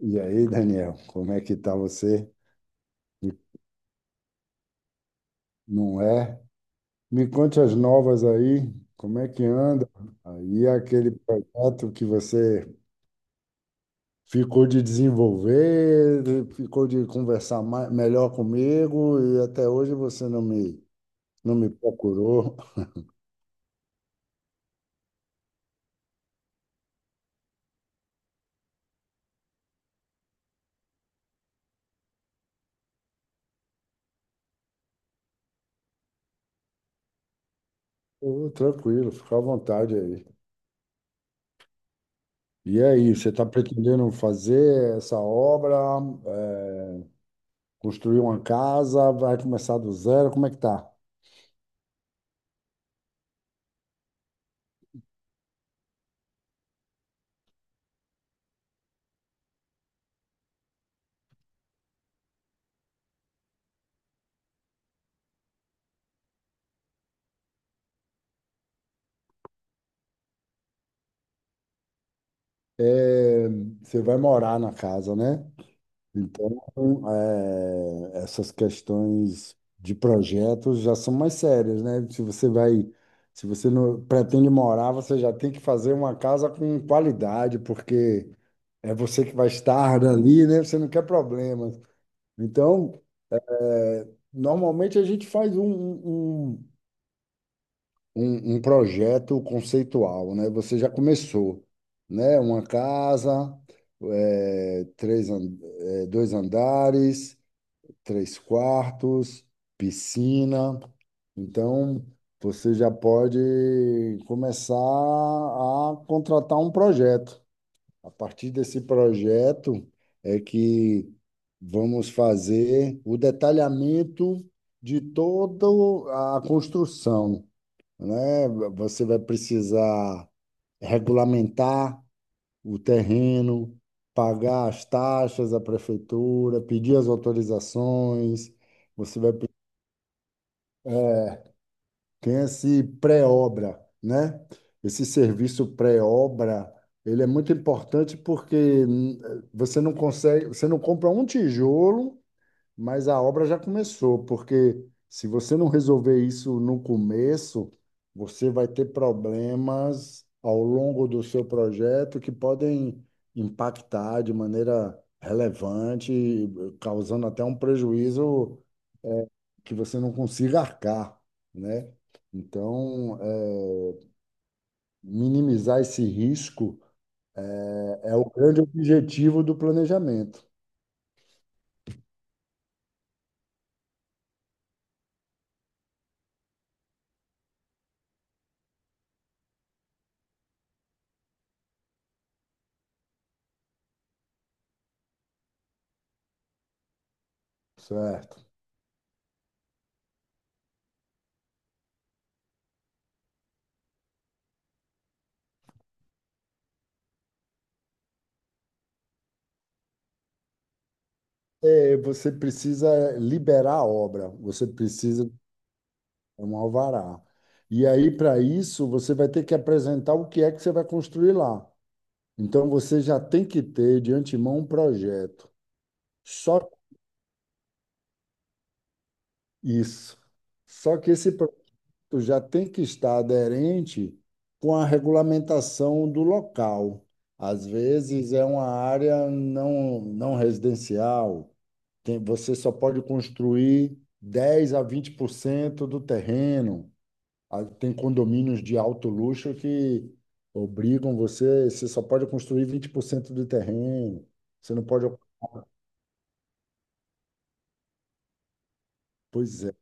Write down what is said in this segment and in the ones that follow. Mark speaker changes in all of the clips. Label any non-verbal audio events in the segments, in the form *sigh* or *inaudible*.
Speaker 1: E aí, Daniel, como é que tá você? Me- Não é? Me conte as novas aí, como é que anda? Aí aquele projeto que você ficou de desenvolver, ficou de conversar mais, melhor comigo e até hoje você não me procurou. *laughs* Ô, tranquilo, fica à vontade aí. E aí, você está pretendendo fazer essa obra, eh, construir uma casa, vai começar do zero, como é que tá? É, você vai morar na casa, né? Então, é, essas questões de projetos já são mais sérias, né? Se você não pretende morar, você já tem que fazer uma casa com qualidade, porque é você que vai estar ali, né? Você não quer problemas. Então, é, normalmente a gente faz um projeto conceitual, né? Você já começou, né? Uma casa, eh, três, an- dois andares, três quartos, piscina. Então, você já pode começar a contratar um projeto. A partir desse projeto é que vamos fazer o detalhamento de toda a construção, né? Você vai precisar regulamentar o terreno, pagar as taxas à prefeitura, pedir as autorizações. Você vai pe- Tem esse pré-obra, né? Esse serviço pré-obra, ele é muito importante porque hum, você não consegue, você não compra um tijolo mas a obra já começou, porque se você não resolver isso no começo, você vai ter problemas ao longo do seu projeto que podem impactar de maneira relevante, causando até um prejuízo que você não consiga arcar, né? Então, é, minimizar esse risco é o grande objetivo do planejamento, certo? É, você precisa liberar a obra, você precisa. É um alvará. E aí, para isso, você vai ter que apresentar o que é que você vai construir lá. Então, você já tem que ter de antemão um projeto. Só isso. Só que esse projeto já tem que estar aderente com a regulamentação do local. Às vezes, é uma área não residencial. Tem, você só pode construir 10 a 20% do terreno. Ah, tem condomínios de alto luxo que obrigam você, você só pode construir 20% do terreno. Você não pode, pois é,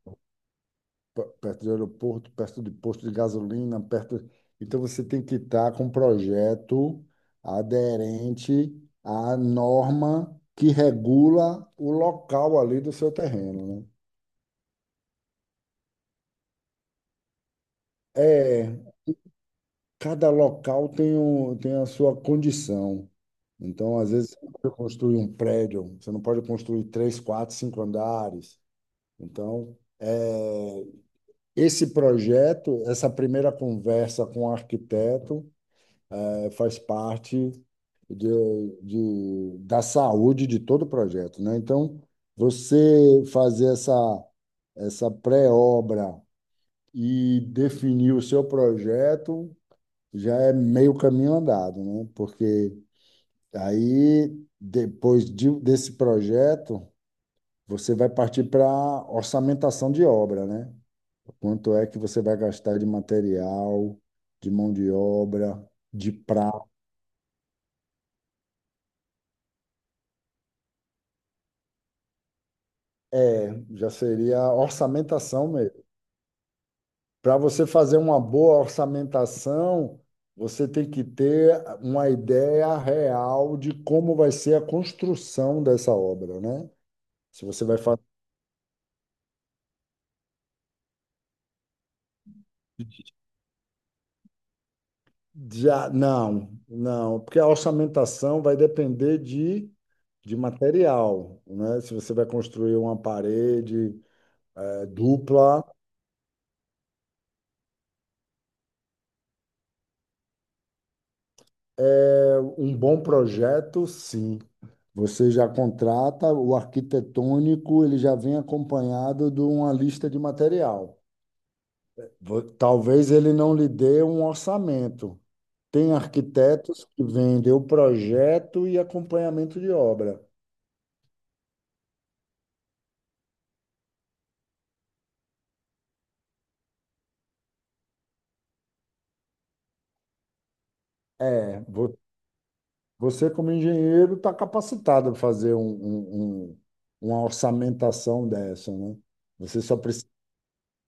Speaker 1: perto do aeroporto, perto de posto de gasolina, perto. Então você tem que estar com um projeto aderente à norma que regula o local ali do seu terreno, né? É, cada local tem, um, tem a sua condição. Então, às vezes, você não pode construir um prédio, você não pode construir três, quatro, cinco andares. Então, esse projeto, essa primeira conversa com o arquiteto, faz parte de, da saúde de todo o projeto, né? Então, você fazer essa, essa pré-obra e definir o seu projeto já é meio caminho andado, né? Porque aí, desse projeto, você vai partir para orçamentação de obra, né? Quanto é que você vai gastar de material, de mão de obra, de prata? É, já seria orçamentação mesmo. Para você fazer uma boa orçamentação, você tem que ter uma ideia real de como vai ser a construção dessa obra, né? Se você vai fazer Já, não, não, porque a orçamentação vai depender de material, né? Se você vai construir uma parede dupla, é um bom projeto, sim. Você já contrata o arquitetônico, ele já vem acompanhado de uma lista de material. Talvez ele não lhe dê um orçamento. Tem arquitetos que vendem o projeto e acompanhamento de obra. É, Você, como engenheiro, está capacitado a fazer uma orçamentação dessa, né? Você só precisa,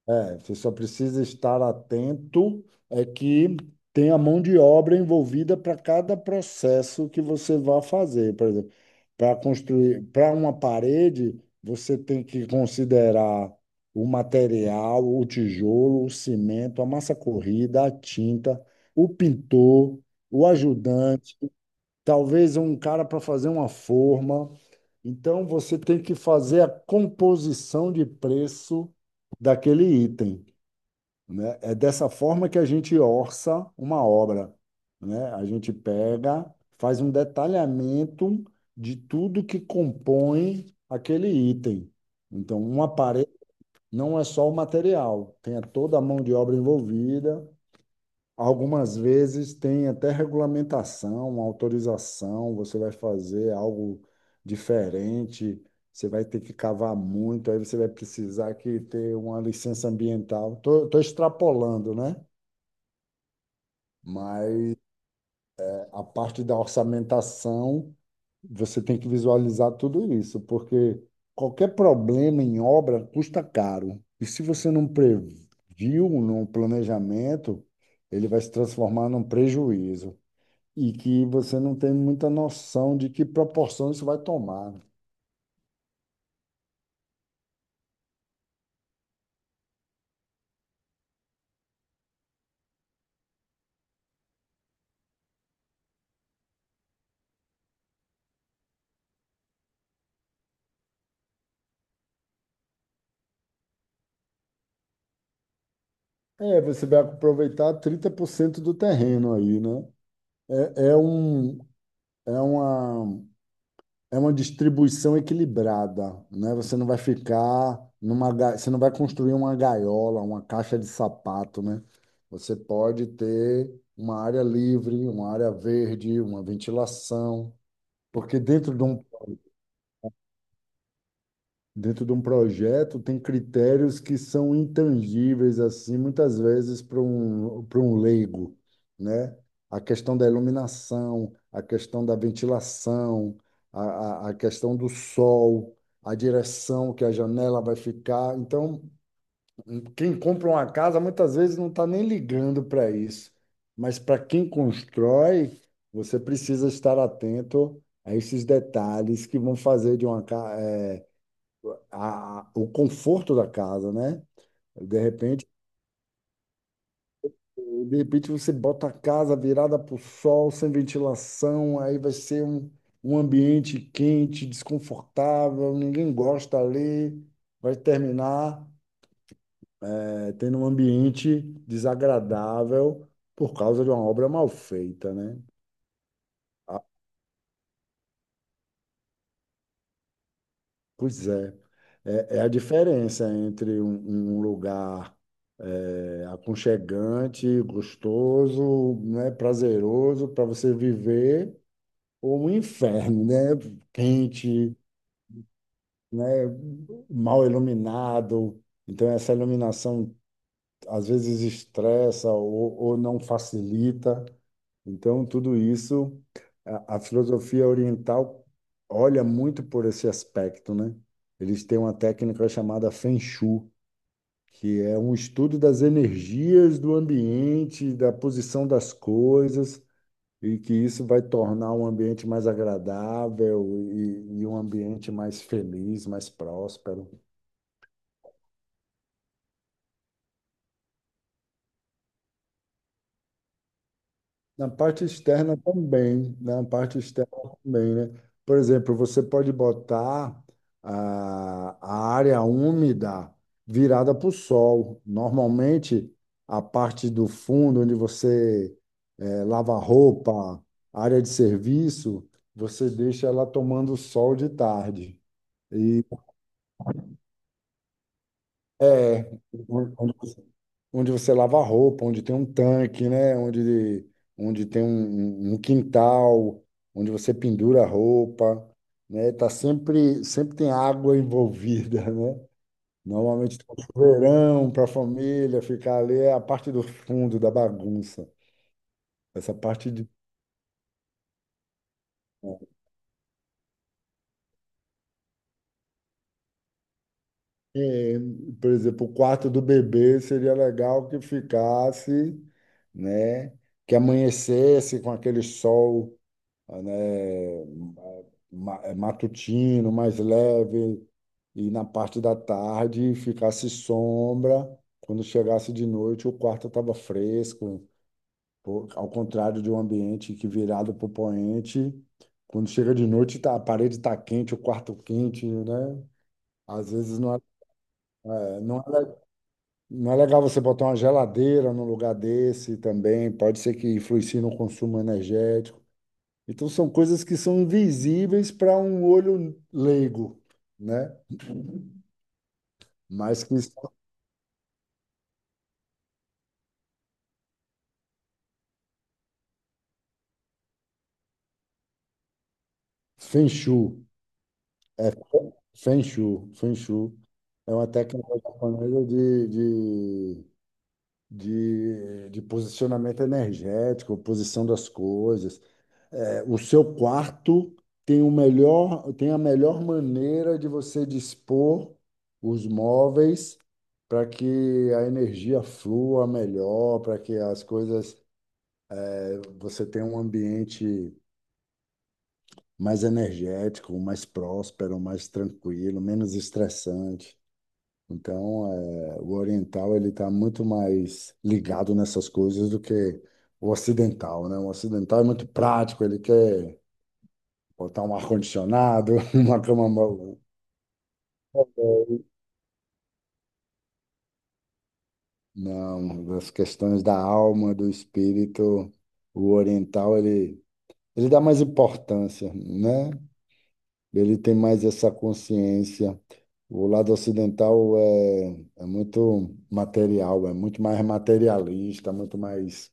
Speaker 1: é, você só precisa estar atento é que tem a mão de obra envolvida para cada processo que você vai fazer. Por exemplo, para construir, para uma parede, você tem que considerar o material, o tijolo, o cimento, a massa corrida, a tinta, o pintor, o ajudante, talvez um cara para fazer uma forma. Então, você tem que fazer a composição de preço daquele item, né? É dessa forma que a gente orça uma obra, né? A gente pega, faz um detalhamento de tudo que compõe aquele item. Então, uma parede não é só o material, tem toda a mão de obra envolvida. Algumas vezes tem até regulamentação, autorização, você vai fazer algo diferente, você vai ter que cavar muito, aí você vai precisar que ter uma licença ambiental. Estou Tô, tô extrapolando, né? Mas a parte da orçamentação, você tem que visualizar tudo isso, porque qualquer problema em obra custa caro. E se você não previu no planejamento, ele vai se transformar num prejuízo. E que você não tem muita noção de que proporção isso vai tomar, né? É, você vai aproveitar 30% do terreno aí, né? É, é um, é uma, é uma distribuição equilibrada, né? Você não vai ficar numa, você não vai construir uma gaiola, uma caixa de sapato, né? Você pode ter uma área livre, uma área verde, uma ventilação, porque dentro de um projeto, tem critérios que são intangíveis, assim, muitas vezes para um leigo, né? A questão da iluminação, a questão da ventilação, a, a questão do sol, a direção que a janela vai ficar. Então, quem compra uma casa muitas vezes não está nem ligando para isso, mas para quem constrói, você precisa estar atento a esses detalhes que vão fazer de uma casa o conforto da casa, né? De repente, de repente você bota a casa virada para o sol, sem ventilação, aí vai ser um, um ambiente quente, desconfortável, ninguém gosta ali, vai terminar tendo um ambiente desagradável por causa de uma obra mal feita, né? Pois é, é a diferença entre um, um lugar É aconchegante, gostoso, né, prazeroso para você viver, ou um inferno, né? Quente, né, mal iluminado. Então, essa iluminação às vezes estressa ou não facilita. Então, tudo isso, a filosofia oriental olha muito por esse aspecto, né? Eles têm uma técnica chamada Feng Shui, que é um estudo das energias do ambiente, da posição das coisas, e que isso vai tornar um ambiente mais agradável e um ambiente mais feliz, mais próspero. Na parte externa também, né? Na parte externa também, né? Por exemplo, você pode botar a área úmida virada para o sol. Normalmente, a parte do fundo, onde você lava roupa, área de serviço, você deixa ela tomando sol de tarde. E é, onde você lava a roupa, onde tem um tanque, né? Onde, onde tem um, um quintal, onde você pendura a roupa, né? Tá sempre, sempre tem água *laughs* envolvida, né? Normalmente tem um chuveirão para a família ficar ali, é a parte do fundo da bagunça. Essa parte de, é, por exemplo, o quarto do bebê seria legal que ficasse, né? Que amanhecesse com aquele sol. Ah, né, é matutino, mais leve, e na parte da tarde ficasse sombra. Quando chegasse de noite, o quarto estava fresco. Pô, ao contrário de um ambiente que virado para o poente, quando chega de noite, tá, a parede está quente, o quarto quente, né? Às vezes não é, é, não é, le- Não é legal você botar uma geladeira num lugar desse também, pode ser que influencie no consumo energético. Então são coisas que são invisíveis para um olho leigo, né? Mas que são Feng Shui, é Feng Shui é uma técnica japonesa de posicionamento energético, posição das coisas. É, o seu quarto tem a melhor maneira de você dispor os móveis para que a energia flua melhor, para que as coisas. Você tem um ambiente mais energético, mais próspero, mais tranquilo, menos estressante. Então, é, o oriental ele está muito mais ligado nessas coisas do que o ocidental, né? O ocidental é muito prático, ele quer botar um ar-condicionado, *laughs* uma cama. Não, as questões da alma, do espírito, o oriental ele dá mais importância, né? Ele tem mais essa consciência. O lado ocidental é, é muito material, é muito mais materialista, muito mais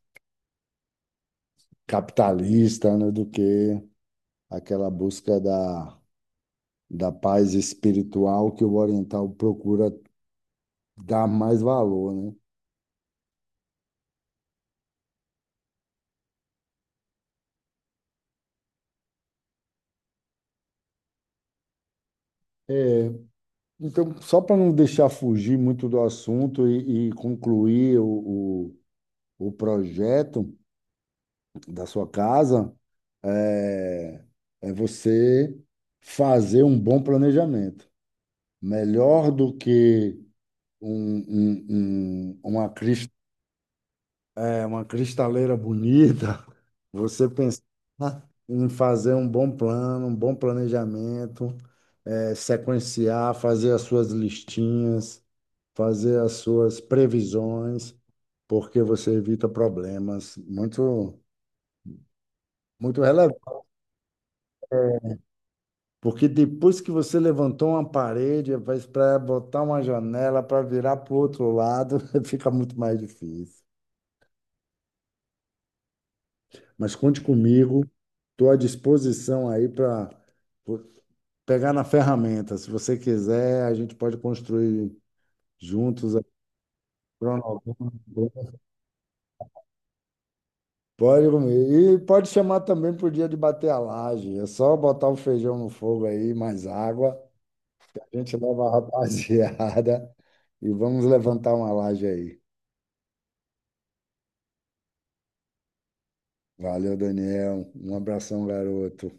Speaker 1: capitalista, né, do que aquela busca da paz espiritual que o oriental procura dar mais valor, né? É, então, só para não deixar fugir muito do assunto e concluir o projeto da sua casa é, é você fazer um bom planejamento. Melhor do que um- um- um- uma, cris- uma cristaleira bonita, *laughs* você pensar em fazer um bom plano, um bom planejamento, é, sequenciar, fazer as suas listinhas, fazer as suas previsões, porque você evita problemas muito, muito relevantes. Porque depois que você levantou uma parede, para botar uma janela, para virar para o outro lado, *laughs* fica muito mais difícil. Mas conte comigo, estou à disposição aí para pegar na ferramenta. Se você quiser, a gente pode construir juntos aí. Pode comer. E pode chamar também para o dia de bater a laje. É só botar o feijão no fogo aí, mais água. A gente leva a rapaziada *laughs* e vamos levantar uma laje aí. Valeu, Daniel. Um abração, garoto.